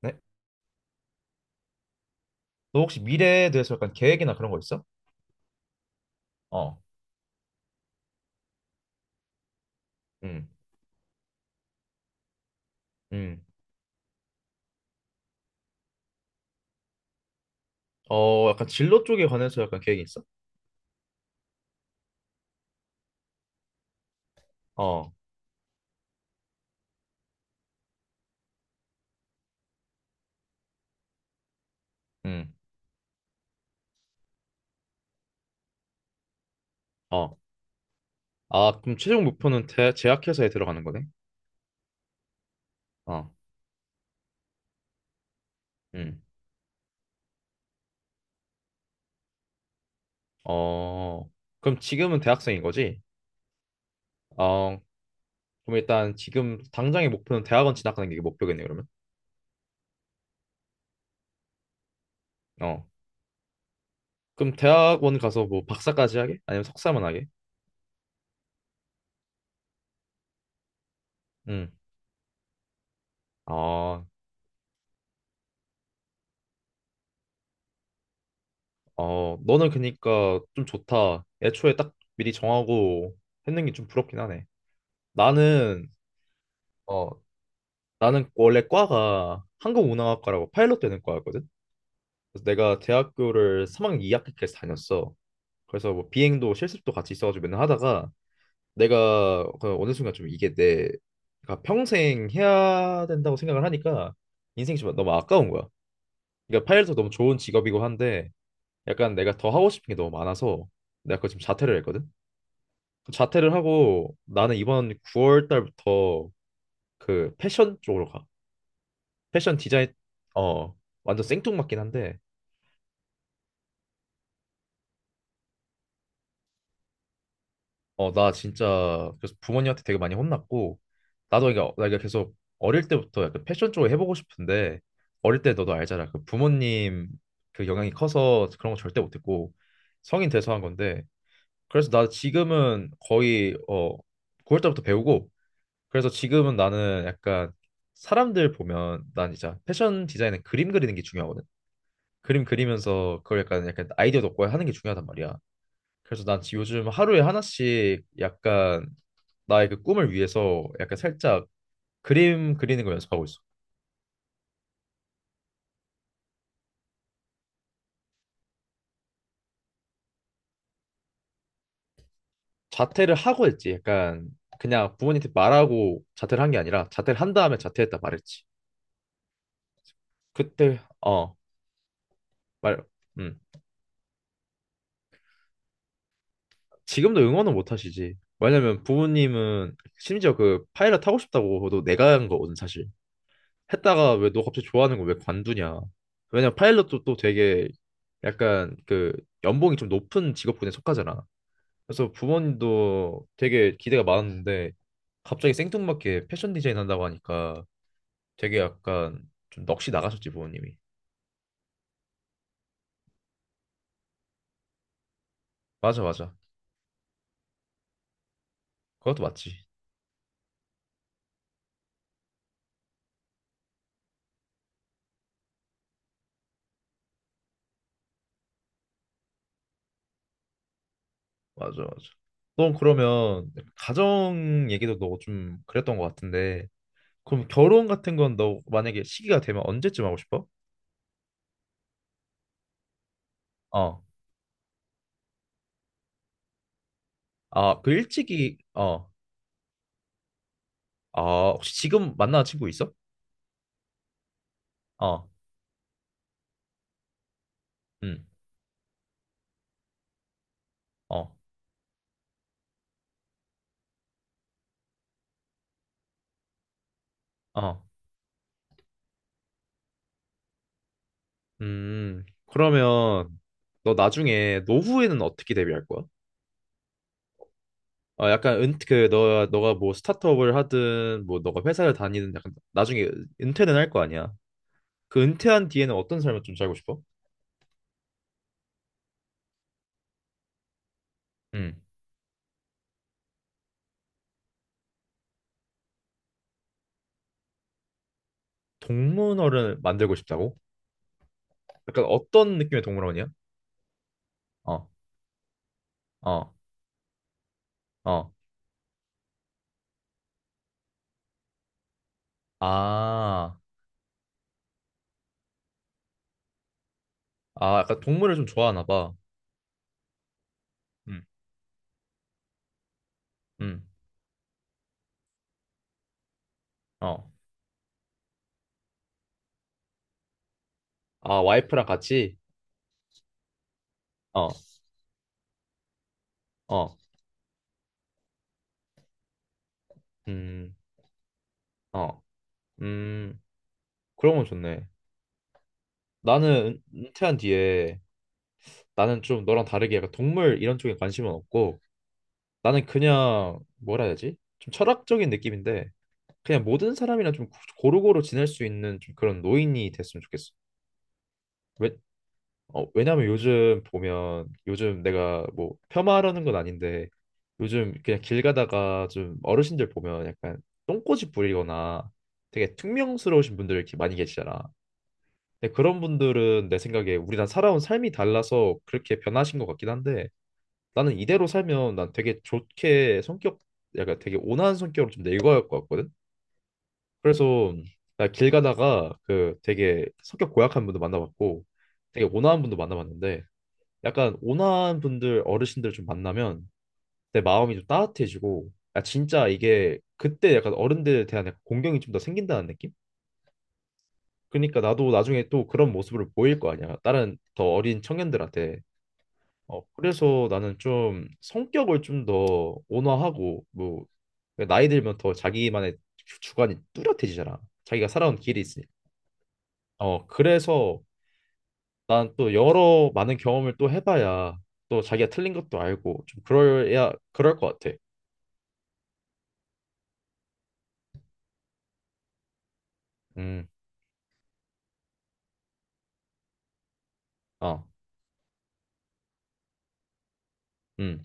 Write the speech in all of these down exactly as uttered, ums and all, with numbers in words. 네? 너 혹시 미래에 대해서 약간 계획이나 그런 거 있어? 어, 음, 음. 어, 약간 진로 쪽에 관해서 약간 계획이 있어? 어, 음, 어. 아, 그럼 최종 목표는 대, 제약회사에 들어가는 거네? 어, 음, 어. 그럼 지금은 대학생인 거지? 어, 그럼 일단 지금 당장의 목표는 대학원 진학하는 게 목표겠네, 그러면? 어. 그럼 대학원 가서 뭐 박사까지 하게? 아니면 석사만 하게? 응, 아, 어. 너는 그니까 좀 좋다. 애초에 딱 미리 정하고 했는 게 좀 부럽긴 하네. 나는 어, 나는 원래 과가 항공운항학과라고 파일럿 되는 과였거든. 그래서 내가 대학교를 삼 학년 이 학기까지 다녔어. 그래서 뭐 비행도 실습도 같이 있어가지고 맨날 하다가 내가 그 어느 순간 좀 이게 내가 평생 해야 된다고 생각을 하니까 인생이 좀 너무 아까운 거야. 그러니까 파일럿도 너무 좋은 직업이고 한데 약간 내가 더 하고 싶은 게 너무 많아서 내가 그거 지금 자퇴를 했거든. 자퇴를 하고 나는 이번 구월 달부터 그 패션 쪽으로 가. 패션 디자인. 어, 완전 생뚱맞긴 한데. 어, 나 진짜 그래서 부모님한테 되게 많이 혼났고. 나도 이게 나 이게 계속 어릴 때부터 약간 패션 쪽을 해보고 싶은데 어릴 때 너도 알잖아 그 부모님, 그 영향이 커서 그런 거 절대 못했고 성인 돼서 한 건데 그래서 나 지금은 거의 어 구월 때부터 배우고 그래서 지금은 나는 약간 사람들 보면 난 진짜 패션 디자인은 그림 그리는 게 중요하거든. 그림 그리면서 그걸 약간 약간 아이디어 얻고 하는 게 중요하단 말이야. 그래서 난 지- 요즘 하루에 하나씩 약간 나의 그 꿈을 위해서 약간 살짝 그림 그리는 걸 연습하고 있어. 자퇴를 하고 했지. 약간 그냥 부모님한테 말하고 자퇴를 한 게 아니라 자퇴를 한 다음에 자퇴했다 말했지. 그때 어, 말, 음. 지금도 응원은 못 하시지. 왜냐면 부모님은 심지어 그 파일럿 하고 싶다고도 내가 한 거거든 사실. 했다가 왜 너 갑자기 좋아하는 거 왜 관두냐. 왜냐면 파일럿도 또 되게 약간 그 연봉이 좀 높은 직업군에 속하잖아. 그래서 부모님도 되게 기대가 많았는데 갑자기 생뚱맞게 패션 디자인 한다고 하니까 되게 약간 좀 넋이 나가셨지 부모님이. 맞아 맞아. 그것도 맞지. 맞아 맞아. 넌 그러면 가정 얘기도 너 좀 그랬던 것 같은데 그럼 결혼 같은 건 너 만약에 시기가 되면 언제쯤 하고 싶어? 어. 아, 그 일찍이 어. 아, 혹시 지금 만나는 친구 있어? 어. 응. 어. 어. 음, 그러면 너 나중에 노후에는 어떻게 대비할 거야? 어, 약간 은, 그, 너, 너가 뭐 스타트업을 하든, 뭐 너가 회사를 다니든, 약간 나중에 은퇴는 할 거 아니야. 그 은퇴한 뒤에는 어떤 삶을 좀 살고 싶어? 음, 동물원을 만들고 싶다고? 약간 어떤 느낌의 동물원이야? 어, 어, 어. 아, 아, 약간 동물을 좀 좋아하나 봐. 음, 음, 어. 아, 와이프랑 같이? 어, 어, 음, 어, 음, 그런 건 좋네. 나는 은- 퇴한 뒤에 나는 좀 너랑 다르게 약간 동물 이런 쪽에 관심은 없고 나는 그냥 뭐라 해야 되지? 좀 철학적인 느낌인데 그냥 모든 사람이랑 좀 고- 고루고루 지낼 수 있는 좀 그런 노인이 됐으면 좋겠어. 왜, 어, 왜냐면 요즘 보면 요즘 내가 뭐 폄하하려는 건 아닌데 요즘 그냥 길 가다가 좀 어르신들 보면 약간 똥꼬집 부리거나 되게 퉁명스러우신 분들 이렇게 많이 계시잖아. 근데 그런 분들은 내 생각에 우리랑 살아온 삶이 달라서 그렇게 변하신 것 같긴 한데 나는 이대로 살면 난 되게 좋게 성격, 약간 되게 온화한 성격으로 좀 늙어갈 것 같거든. 그래서 나 길 가다가 그 되게 성격 고약한 분도 만나봤고 되게 온화한 분도 만나봤는데 약간 온화한 분들 어르신들 좀 만나면 내 마음이 좀 따뜻해지고 아 진짜 이게 그때 약간 어른들에 대한 약간 공경이 좀 더 생긴다는 느낌? 그러니까 나도 나중에 또 그런 모습을 보일 거 아니야. 다른 더 어린 청년들한테. 어, 그래서 나는 좀 성격을 좀 더 온화하고 뭐 나이 들면 더 자기만의 주- 주관이 뚜렷해지잖아. 자기가 살아온 길이 있으니까. 어, 그래서 난 또 여러 많은 경험을 또 해봐야 또 자기가 틀린 것도 알고 좀 그럴야 그럴 것 같아. 음, 어, 음,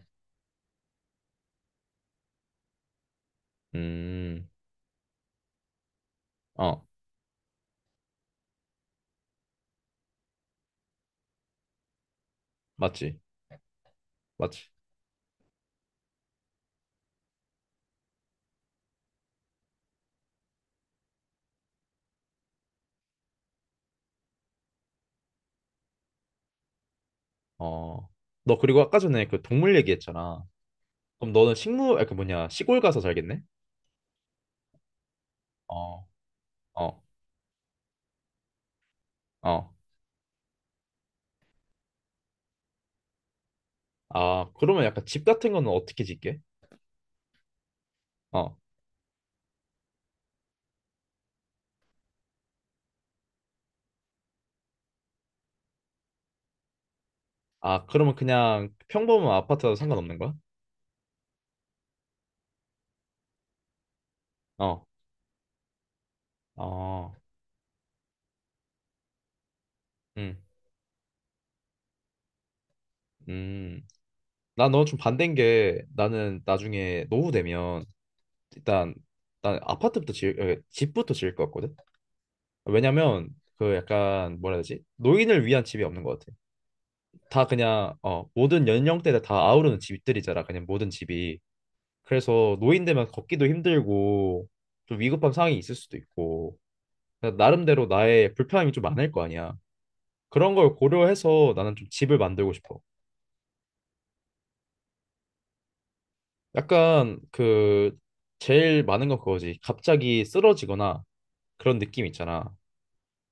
음, 어, 맞지, 맞지. 어, 너 그리고 아까 전에 그 동물 얘기했잖아. 그럼 너는 식물, 아, 그 뭐냐 시골 가서 살겠네? 어, 어, 어. 아, 그러면 약간 집 같은 거는 어떻게 짓게? 어. 아, 그러면 그냥 평범한 아파트라도 상관없는 거야? 어. 어. 음. 음. 나 너랑 좀 반대인 게 나는 나중에 노후 되면 일단 난 아파트부터 지을 에, 집부터 지을 것 같거든. 왜냐면 그 약간 뭐라 해야 되지? 노인을 위한 집이 없는 것 같아. 다 그냥 어, 모든 연령대를 다 아우르는 집들이잖아. 그냥 모든 집이. 그래서 노인 되면 걷기도 힘들고 좀 위급한 상황이 있을 수도 있고 그러니까 나름대로 나의 불편함이 좀 많을 거 아니야. 그런 걸 고려해서 나는 좀 집을 만들고 싶어. 약간 그 제일 많은 건 그거지. 갑자기 쓰러지거나 그런 느낌 있잖아.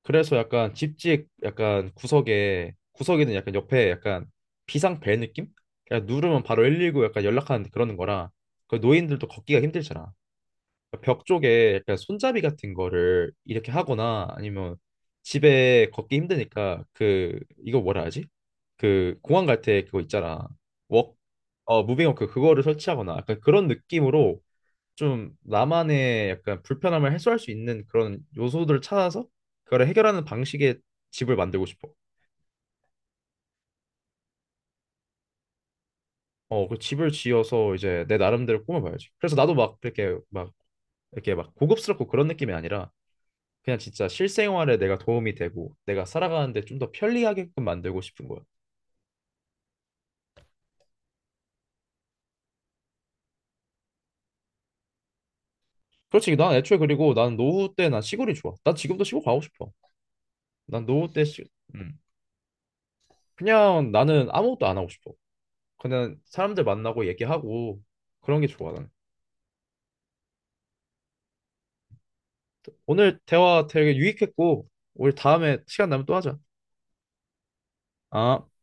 그래서 약간 집집 약간 구석에 구석에는 약간 옆에 약간 비상 벨 느낌? 그냥 누르면 바로 일일구 약간 연락하는 그런 거라 그 노인들도 걷기가 힘들잖아. 벽 쪽에 약간 손잡이 같은 거를 이렇게 하거나 아니면 집에 걷기 힘드니까 그 이거 뭐라 하지? 그 공항 갈 때 그거 있잖아. 워 어, 무빙 워크 그거를 설치하거나 약간 그런 느낌으로 좀 나만의 약간 불편함을 해소할 수 있는 그런 요소들을 찾아서 그걸 해결하는 방식의 집을 만들고 싶어. 어, 그 집을 지어서 이제 내 나름대로 꾸며봐야지. 그래서 나도 막 이렇게 막 이렇게 막 고급스럽고 그런 느낌이 아니라 그냥 진짜 실생활에 내가 도움이 되고 내가 살아가는데 좀 더 편리하게끔 만들고 싶은 거야. 그렇지. 난 애초에 그리고 난 노후 때 난 시골이 좋아. 난 지금도 시골 가고 싶어. 난 노후 때 시... 음. 그냥 나는 아무것도 안 하고 싶어. 그냥 사람들 만나고 얘기하고 그런 게 좋아 나는. 오늘 대화 되게 유익했고 우리 다음에 시간 나면 또 하자. 아.